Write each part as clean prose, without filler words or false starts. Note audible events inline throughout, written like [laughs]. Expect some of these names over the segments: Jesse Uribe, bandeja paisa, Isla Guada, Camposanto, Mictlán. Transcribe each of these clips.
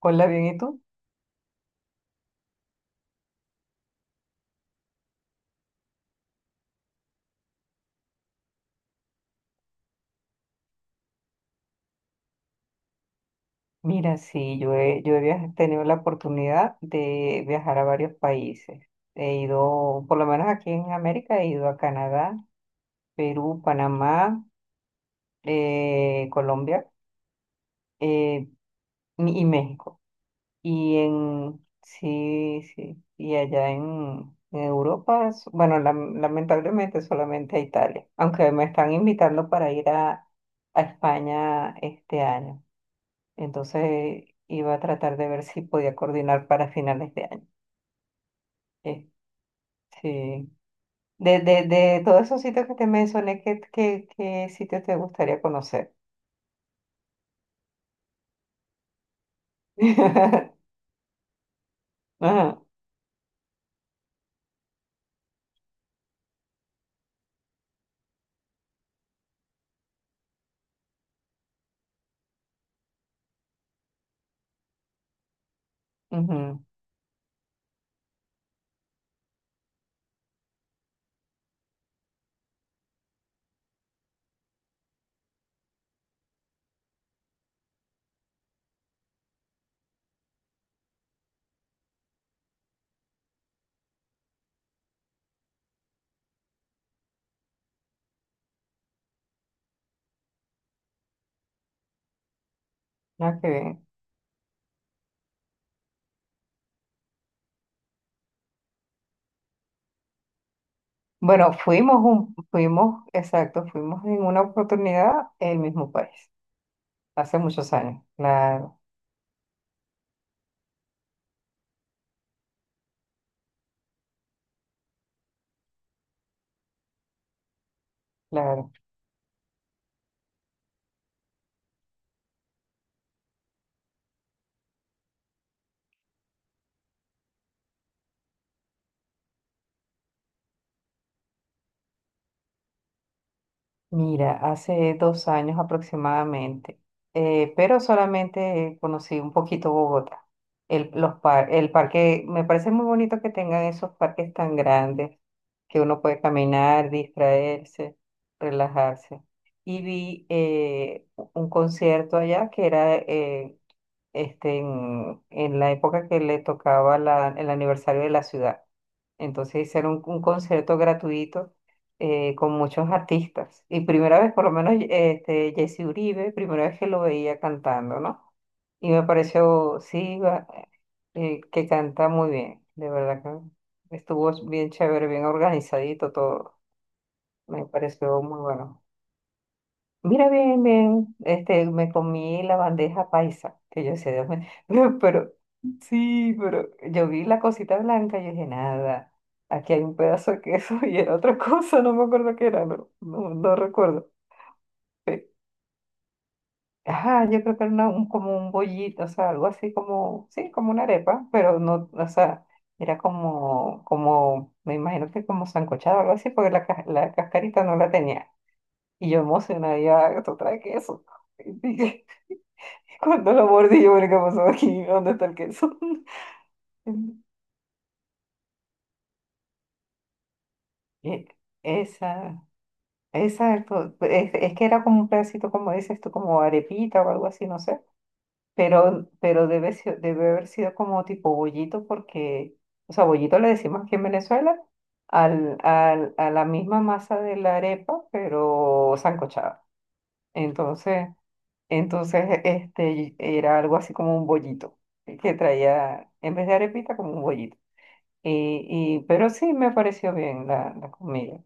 Hola, bien, ¿y tú? Mira, sí, yo he tenido la oportunidad de viajar a varios países. He ido, por lo menos aquí en América, he ido a Canadá, Perú, Panamá, Colombia, eh, y México. Sí, sí, y allá en Europa, bueno, lamentablemente solamente a Italia, aunque me están invitando para ir a España este año. Entonces iba a tratar de ver si podía coordinar para finales de año. Eh, sí. De todos esos sitios que te mencioné, ¿ qué sitio te gustaría conocer? [laughs] Ajá, ujú. Ah, qué bien. Bueno, exacto, fuimos en una oportunidad el mismo país, hace muchos años, claro, claro. Mira, hace dos años aproximadamente, pero solamente conocí un poquito Bogotá. El parque, me parece muy bonito que tengan esos parques tan grandes, que uno puede caminar, distraerse, relajarse. Y vi un concierto allá que era en la época que le tocaba el aniversario de la ciudad. Entonces hicieron un concierto gratuito con muchos artistas. Y primera vez, por lo menos, este, Jesse Uribe, primera vez que lo veía cantando, ¿no? Y me pareció, sí, que canta muy bien. De verdad que estuvo bien chévere, bien organizadito todo. Me pareció muy bueno. Mira, bien, bien, este, me comí la bandeja paisa, que yo sé, Dios mío, [laughs] pero, sí, pero yo vi la cosita blanca y dije, nada, aquí hay un pedazo de queso [laughs] y era otra cosa, no me acuerdo qué era, no, no, no recuerdo. Eh, Ajá, yo creo que era como un bollito, o sea, algo así como, sí, como una arepa, pero no, o sea, era como, como, me imagino que como sancochado o algo así, porque la cascarita no la tenía. Y yo emocionada, ya, esto trae queso. [laughs] Cuando lo mordí, yo, bueno, ¿qué pasó aquí? ¿Dónde está el queso? [laughs] Y Esa, esa, es que era como un pedacito, como dices tú, como arepita o algo así, no sé. Pero, debe haber sido como tipo bollito, porque, o sea, bollito le decimos aquí en Venezuela a la misma masa de la arepa, pero sancochada. Entonces, entonces, este, era algo así como un bollito, que traía, en vez de arepita, como un bollito. Pero sí me pareció bien la comida.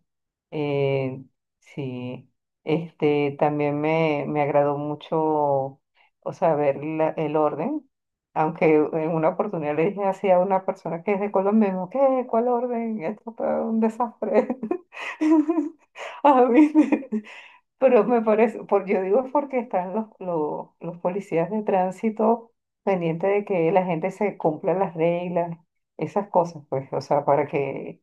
Eh, sí, este, también me agradó mucho, o sea, ver el orden, aunque en una oportunidad le dije así a una persona que es de Colombia, y me dijo, ¿qué? ¿Cuál orden? Esto fue un desastre. [laughs] A mí. Pero me parece, por, yo digo es porque están los policías de tránsito pendientes de que la gente se cumpla las reglas, esas cosas, pues, o sea, para que,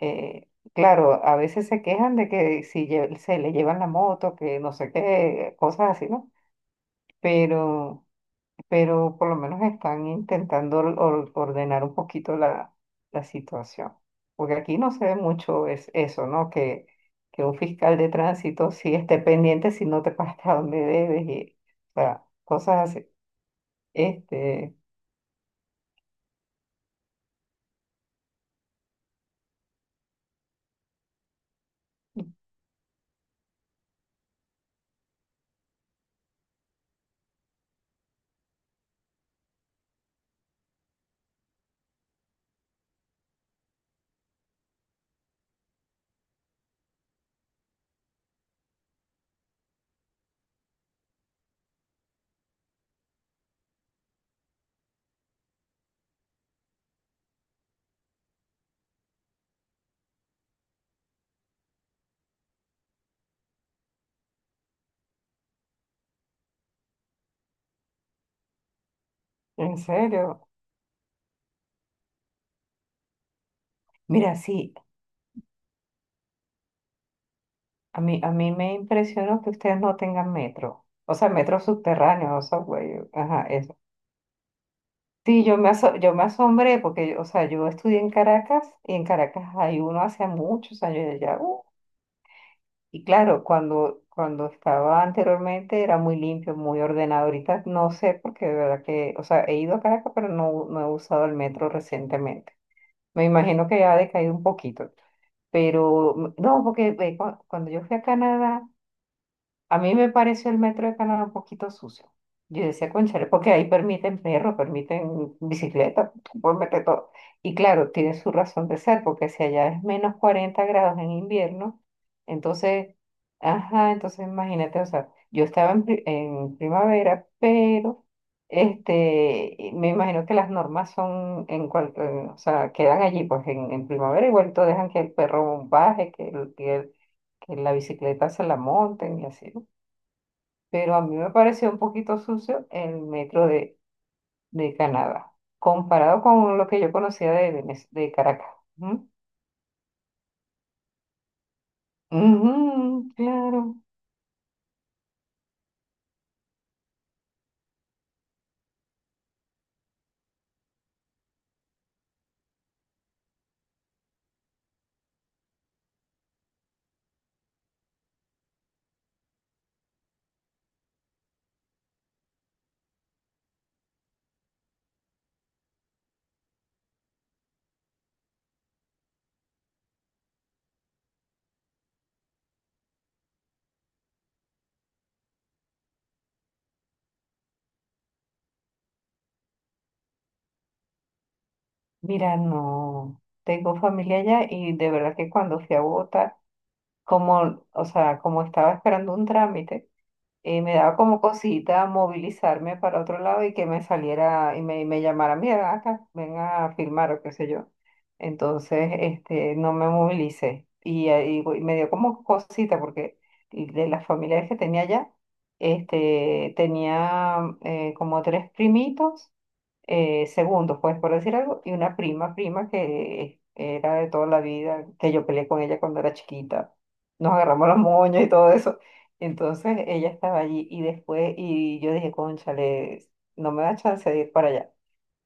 eh, claro, a veces se quejan de que si se le llevan la moto, que no sé qué, cosas así, ¿no? Pero pero por lo menos están intentando ordenar un poquito la situación. Porque aquí no se ve mucho es eso, ¿no? Que un fiscal de tránsito sí esté pendiente si no te [laughs] pagas a donde debes y, o sea, cosas así. Este, en serio. Mira, sí, a mí me impresionó que ustedes no tengan metro. O sea, metro subterráneo, o sea, güey, ajá. Sí, yo me asombré porque, o sea, yo estudié en Caracas y en Caracas hay uno hace muchos años ya. Y claro, cuando estaba anteriormente era muy limpio, muy ordenado. Ahorita no sé porque de verdad que, o sea, he ido a Caracas, pero no, no he usado el metro recientemente. Me imagino que ya ha decaído un poquito. Pero no, porque ve, cuando yo fui a Canadá. A mí me pareció el metro de Canadá un poquito sucio. Yo decía, cónchale, porque ahí permiten perros, permiten bicicleta, pueden meter todo. Y claro, tiene su razón de ser, porque si allá es menos 40 grados en invierno, entonces, ajá, entonces imagínate, o sea, yo estaba en primavera, pero este, y me imagino que las normas son en cuanto, o sea, quedan allí, pues en primavera igual todo dejan que el perro baje, que la bicicleta se la monten y así, ¿no? Pero a mí me pareció un poquito sucio el metro de Canadá, comparado con lo que yo conocía de, de Caracas. Ujú. Ujú, claro. Mira, no, tengo familia allá y de verdad que cuando fui a Bogotá, como, o sea, como estaba esperando un trámite, y me daba como cosita movilizarme para otro lado y que me saliera y me llamara, mira, ven acá, ven a filmar o qué sé yo. Entonces, este, no me movilicé y, me dio como cosita porque de las familiares que tenía allá, este, tenía como tres primitos, segundos, pues por decir algo, y prima que era de toda la vida, que yo peleé con ella cuando era chiquita. Nos agarramos los moños y todo eso. Entonces ella estaba allí y después, y yo dije, cónchale, no me da chance de ir para allá.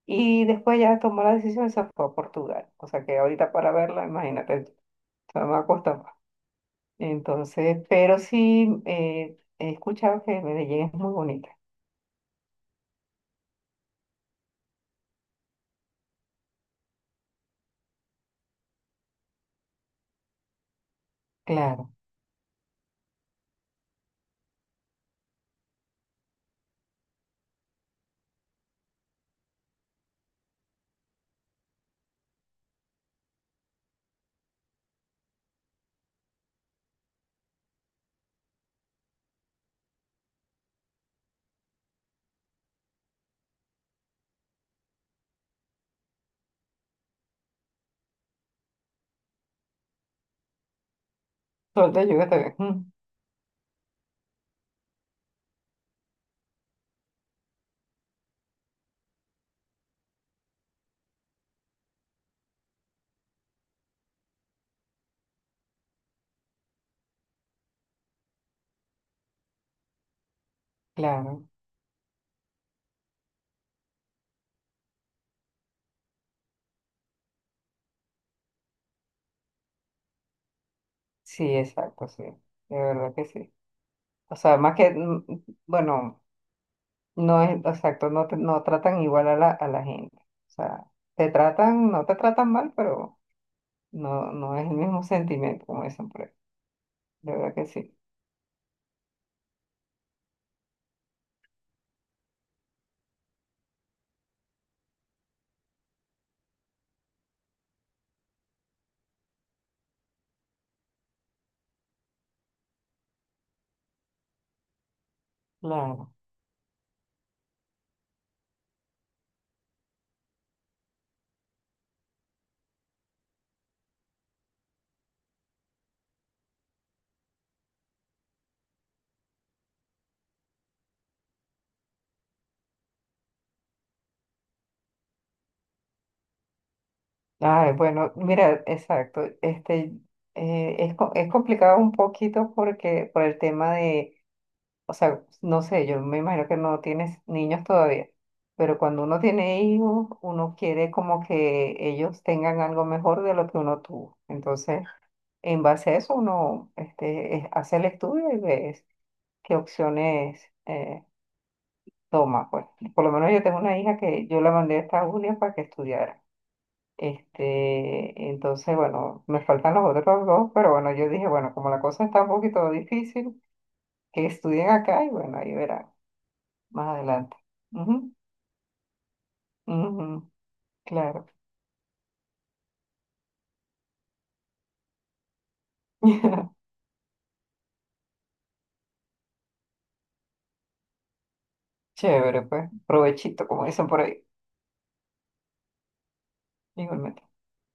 Y después ya tomó la decisión y se fue a Portugal. O sea que ahorita para verla, imagínate, no me cuesta más. Entonces, pero sí he escuchado que Medellín es muy bonita. Claro. Sol de lluvia también. Claro. Sí, exacto, sí. De verdad que sí. O sea, más que, bueno, no es exacto, no, no tratan igual a a la gente. O sea, te tratan, no te tratan mal, pero no, no es el mismo sentimiento, como dicen por ahí. De verdad que sí. Claro. Ay, bueno, mira, exacto. Este, es complicado un poquito porque, por el tema de, o sea, no sé, yo me imagino que no tienes niños todavía, pero cuando uno tiene hijos, uno quiere como que ellos tengan algo mejor de lo que uno tuvo. Entonces, en base a eso, uno este, hace el estudio y ves qué opciones. Toma, pues, por lo menos yo tengo una hija que yo la mandé a Estados Unidos para que estudiara. Este, entonces, bueno, me faltan los otros dos, pero bueno, yo dije, bueno, como la cosa está un poquito difícil, que estudien acá y bueno, ahí verán más adelante. Ujú, ujú, claro. [laughs] Chévere, pues, provechito, como dicen por ahí, igualmente.